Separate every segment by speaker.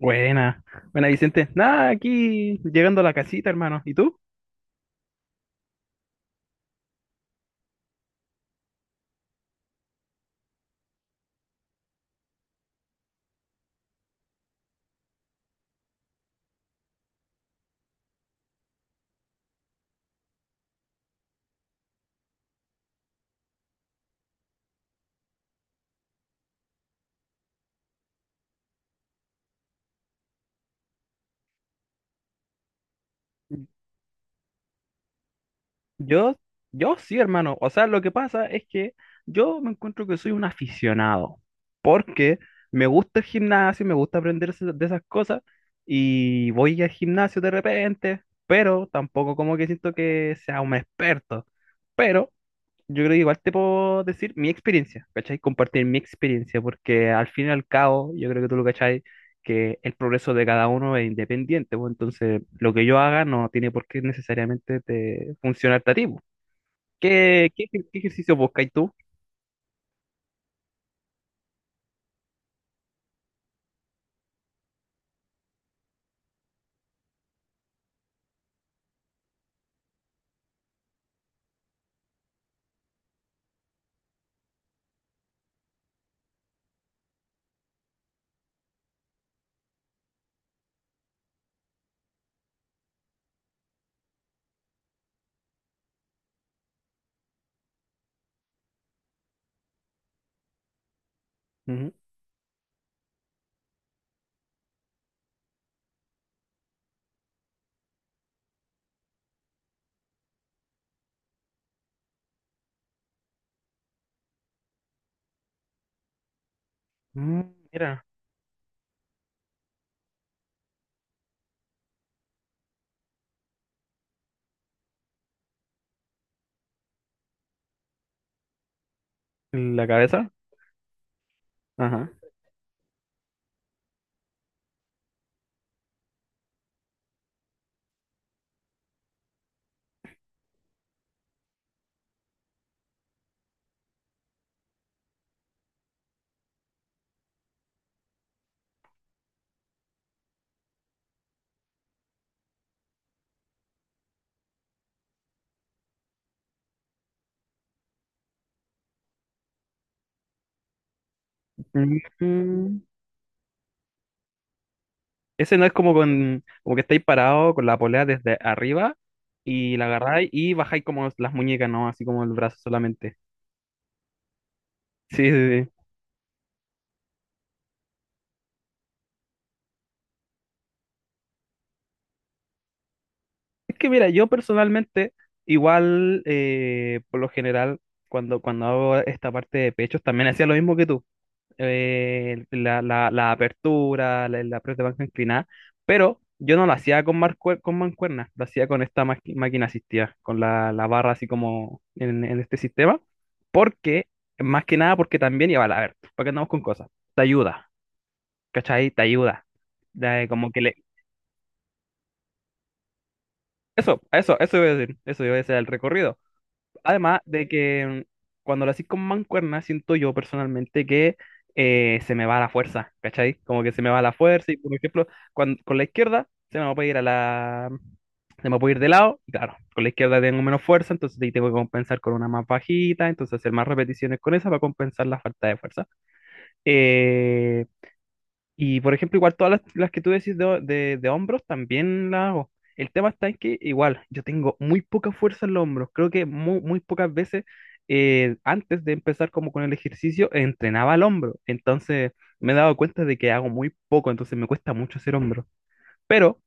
Speaker 1: Buena, buena Vicente. Nada, aquí llegando a la casita, hermano. ¿Y tú? Yo, yo sí, hermano. O sea, lo que pasa es que yo me encuentro que soy un aficionado, porque me gusta el gimnasio, me gusta aprender de esas cosas, y voy al gimnasio de repente, pero tampoco como que siento que sea un experto. Pero yo creo que igual te puedo decir mi experiencia, ¿cachai? Compartir mi experiencia, porque al fin y al cabo, yo creo que tú lo cachai, que el progreso de cada uno es independiente, pues entonces lo que yo haga no tiene por qué necesariamente te funcionarte a ti pues. ¿ Qué ejercicio buscas tú? Ujú. Mm, mira, la cabeza. Ajá. Mm, ¿Ese no es como con, como que estáis parado con la polea desde arriba y la agarráis y bajáis como las muñecas, no? Así como el brazo solamente. Sí, sí, sí. Es que mira, yo personalmente, igual, por lo general, cuando hago esta parte de pechos, también hacía lo mismo que tú. La apertura, la press de banca inclinada, pero yo no lo hacía con, con mancuernas, lo hacía con esta máquina asistida, con la barra así como en este sistema, porque, más que nada, porque también, y iba a ver, para porque andamos con cosas, te ayuda, ¿cachai? Te ayuda. Da- como que le... Eso iba a decir, eso iba a decir el recorrido. Además de que cuando lo haces con mancuerna, siento yo personalmente que se me va la fuerza, ¿cachai? Como que se me va la fuerza y, por ejemplo, con la izquierda se me puede ir a la... se me puede ir de lado, y claro, con la izquierda tengo menos fuerza, entonces ahí tengo que compensar con una más bajita, entonces hacer más repeticiones con esa para compensar la falta de fuerza. Eh, y por ejemplo, igual todas las que tú decís de, de hombros también las hago. El tema está en que igual yo tengo muy poca fuerza en los hombros. Creo que muy pocas veces antes de empezar como con el ejercicio entrenaba el hombro. Entonces me he dado cuenta de que hago muy poco, entonces me cuesta mucho hacer hombro. Pero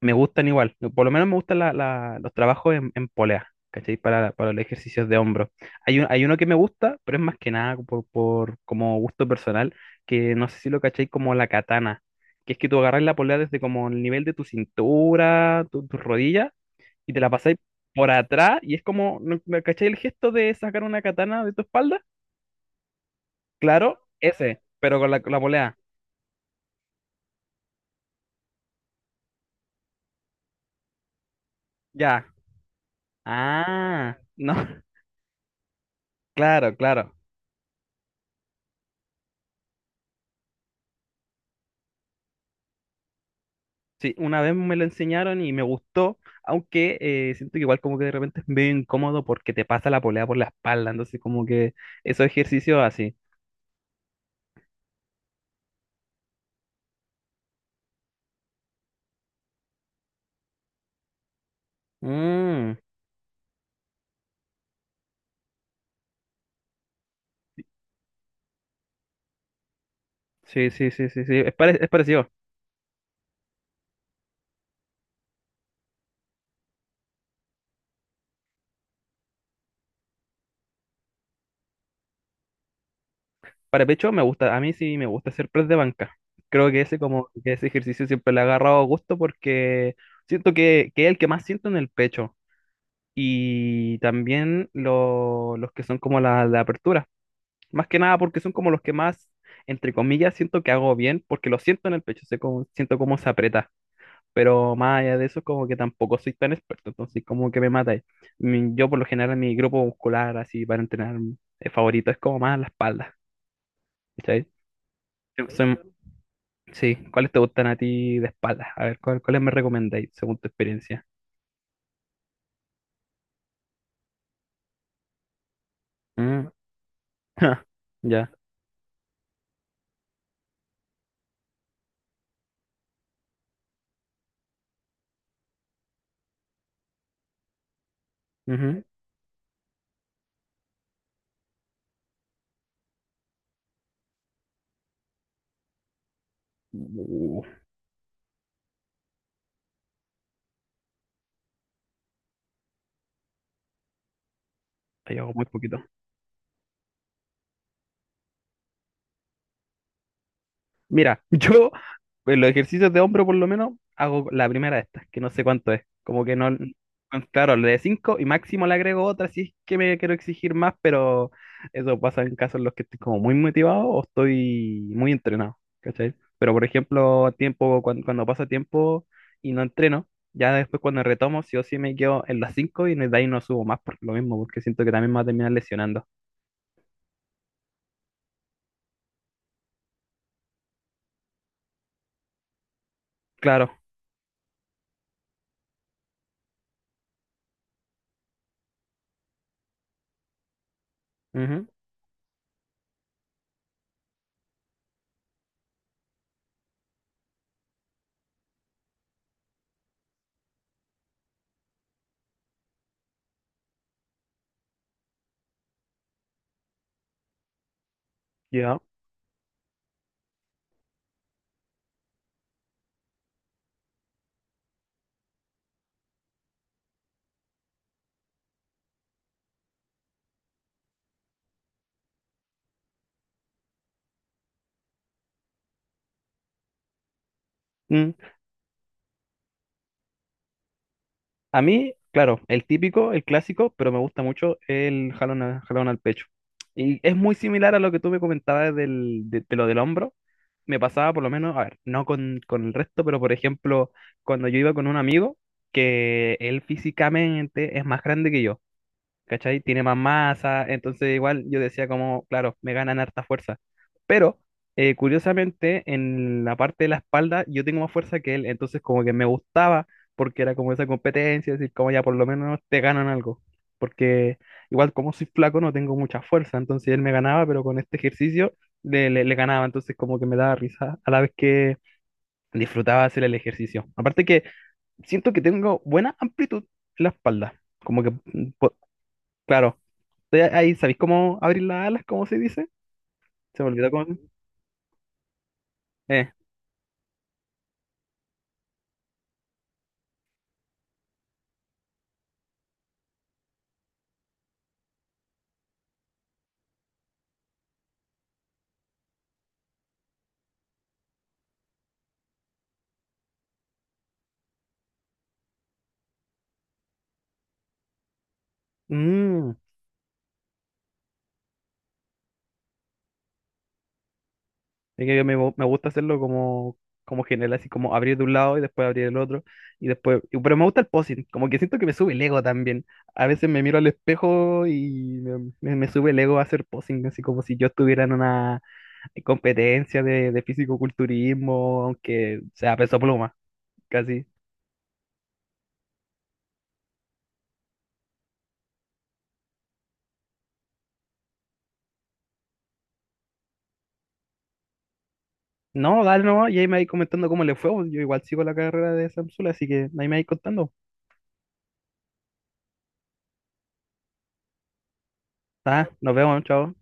Speaker 1: me gustan igual. Por lo menos me gustan los trabajos en polea, ¿cachai? Para los ejercicios de hombro. Hay, hay uno que me gusta, pero es más que nada por, por como gusto personal, que no sé si lo cachai, como la katana, que es que tú agarras la polea desde como el nivel de tu cintura, tu, tus rodillas, y te la pasáis por atrás, y es como, ¿no- no cachai el gesto de sacar una katana de tu espalda? Claro, ese, pero con la polea. Ya. Ah, no, claro, claro. Sí, una vez me lo enseñaron y me gustó, aunque siento que igual como que de repente es medio incómodo porque te pasa la polea por la espalda, entonces como que esos ejercicios así. Mm, sí, sí, sí, sí, sí, es, pare- es parecido. Para pecho me gusta, a mí sí me gusta hacer press de banca. Creo que ese, como que ese ejercicio siempre le ha agarrado gusto porque siento que es el que más siento en el pecho y también los que son como la apertura. Más que nada porque son como los que más, entre comillas, siento que hago bien, porque lo siento en el pecho, sé cómo, siento cómo se aprieta. Pero más allá de eso, como que tampoco soy tan experto, entonces como que me mata ahí. Yo por lo general, mi grupo muscular, así para entrenar, favorito es como más la espalda, ¿cachai? Yo soy- sí, ¿cuáles te gustan a ti de espalda? A ver, ¿cuáles me recomendáis según tu experiencia? Mm, Ya. Ujú. Uh, ahí hago muy poquito. Mira, yo pues, los ejercicios de hombro por lo menos hago la primera de estas, que no sé cuánto es. Como que no, no, claro, le de 5 y máximo le agrego otra si es que me quiero exigir más, pero eso pasa en casos en los que estoy como muy motivado o estoy muy entrenado, ¿cachai? Pero por ejemplo, tiempo, cuando pasa tiempo y no entreno, ya después cuando retomo, sí o sí me quedo en las 5 y de ahí no subo más por lo mismo, porque siento que también me va a terminar lesionando. Claro. Ujú. Ya. Mm. A mí, claro, el típico, el clásico, pero me gusta mucho el jalón, jalón al pecho. Y es muy similar a lo que tú me comentabas del, de lo del hombro. Me pasaba por lo menos, a ver, no con, con el resto, pero por ejemplo, cuando yo iba con un amigo, que él físicamente es más grande que yo, ¿cachai? Tiene más masa, entonces igual yo decía como, claro, me ganan harta fuerza. Pero curiosamente en la parte de la espalda yo tengo más fuerza que él, entonces como que me gustaba porque era como esa competencia, decir como ya por lo menos te ganan algo, porque igual como soy flaco no tengo mucha fuerza, entonces él me ganaba, pero con este ejercicio le le ganaba, entonces como que me daba risa a la vez que disfrutaba hacer el ejercicio. Aparte que siento que tengo buena amplitud en la espalda. Como que mm, po- claro. Entonces, ahí, ¿sabéis cómo abrir las alas? ¿Cómo se dice? Se me olvidó cómo. Eh. mm, Es que me gusta hacerlo como, como general, así como abrir de un lado y después abrir el otro. Y después. Pero me gusta el posing, como que siento que me sube el ego también. A veces me miro al espejo y me sube el ego a hacer posing, así como si yo estuviera en una competencia de fisicoculturismo, aunque sea peso pluma, casi. No, dale nomás, y ahí me vais comentando cómo le fue pues. Yo igual sigo la carrera de Samsula, así que ahí me vais contando. Tá, nos vemos, chao.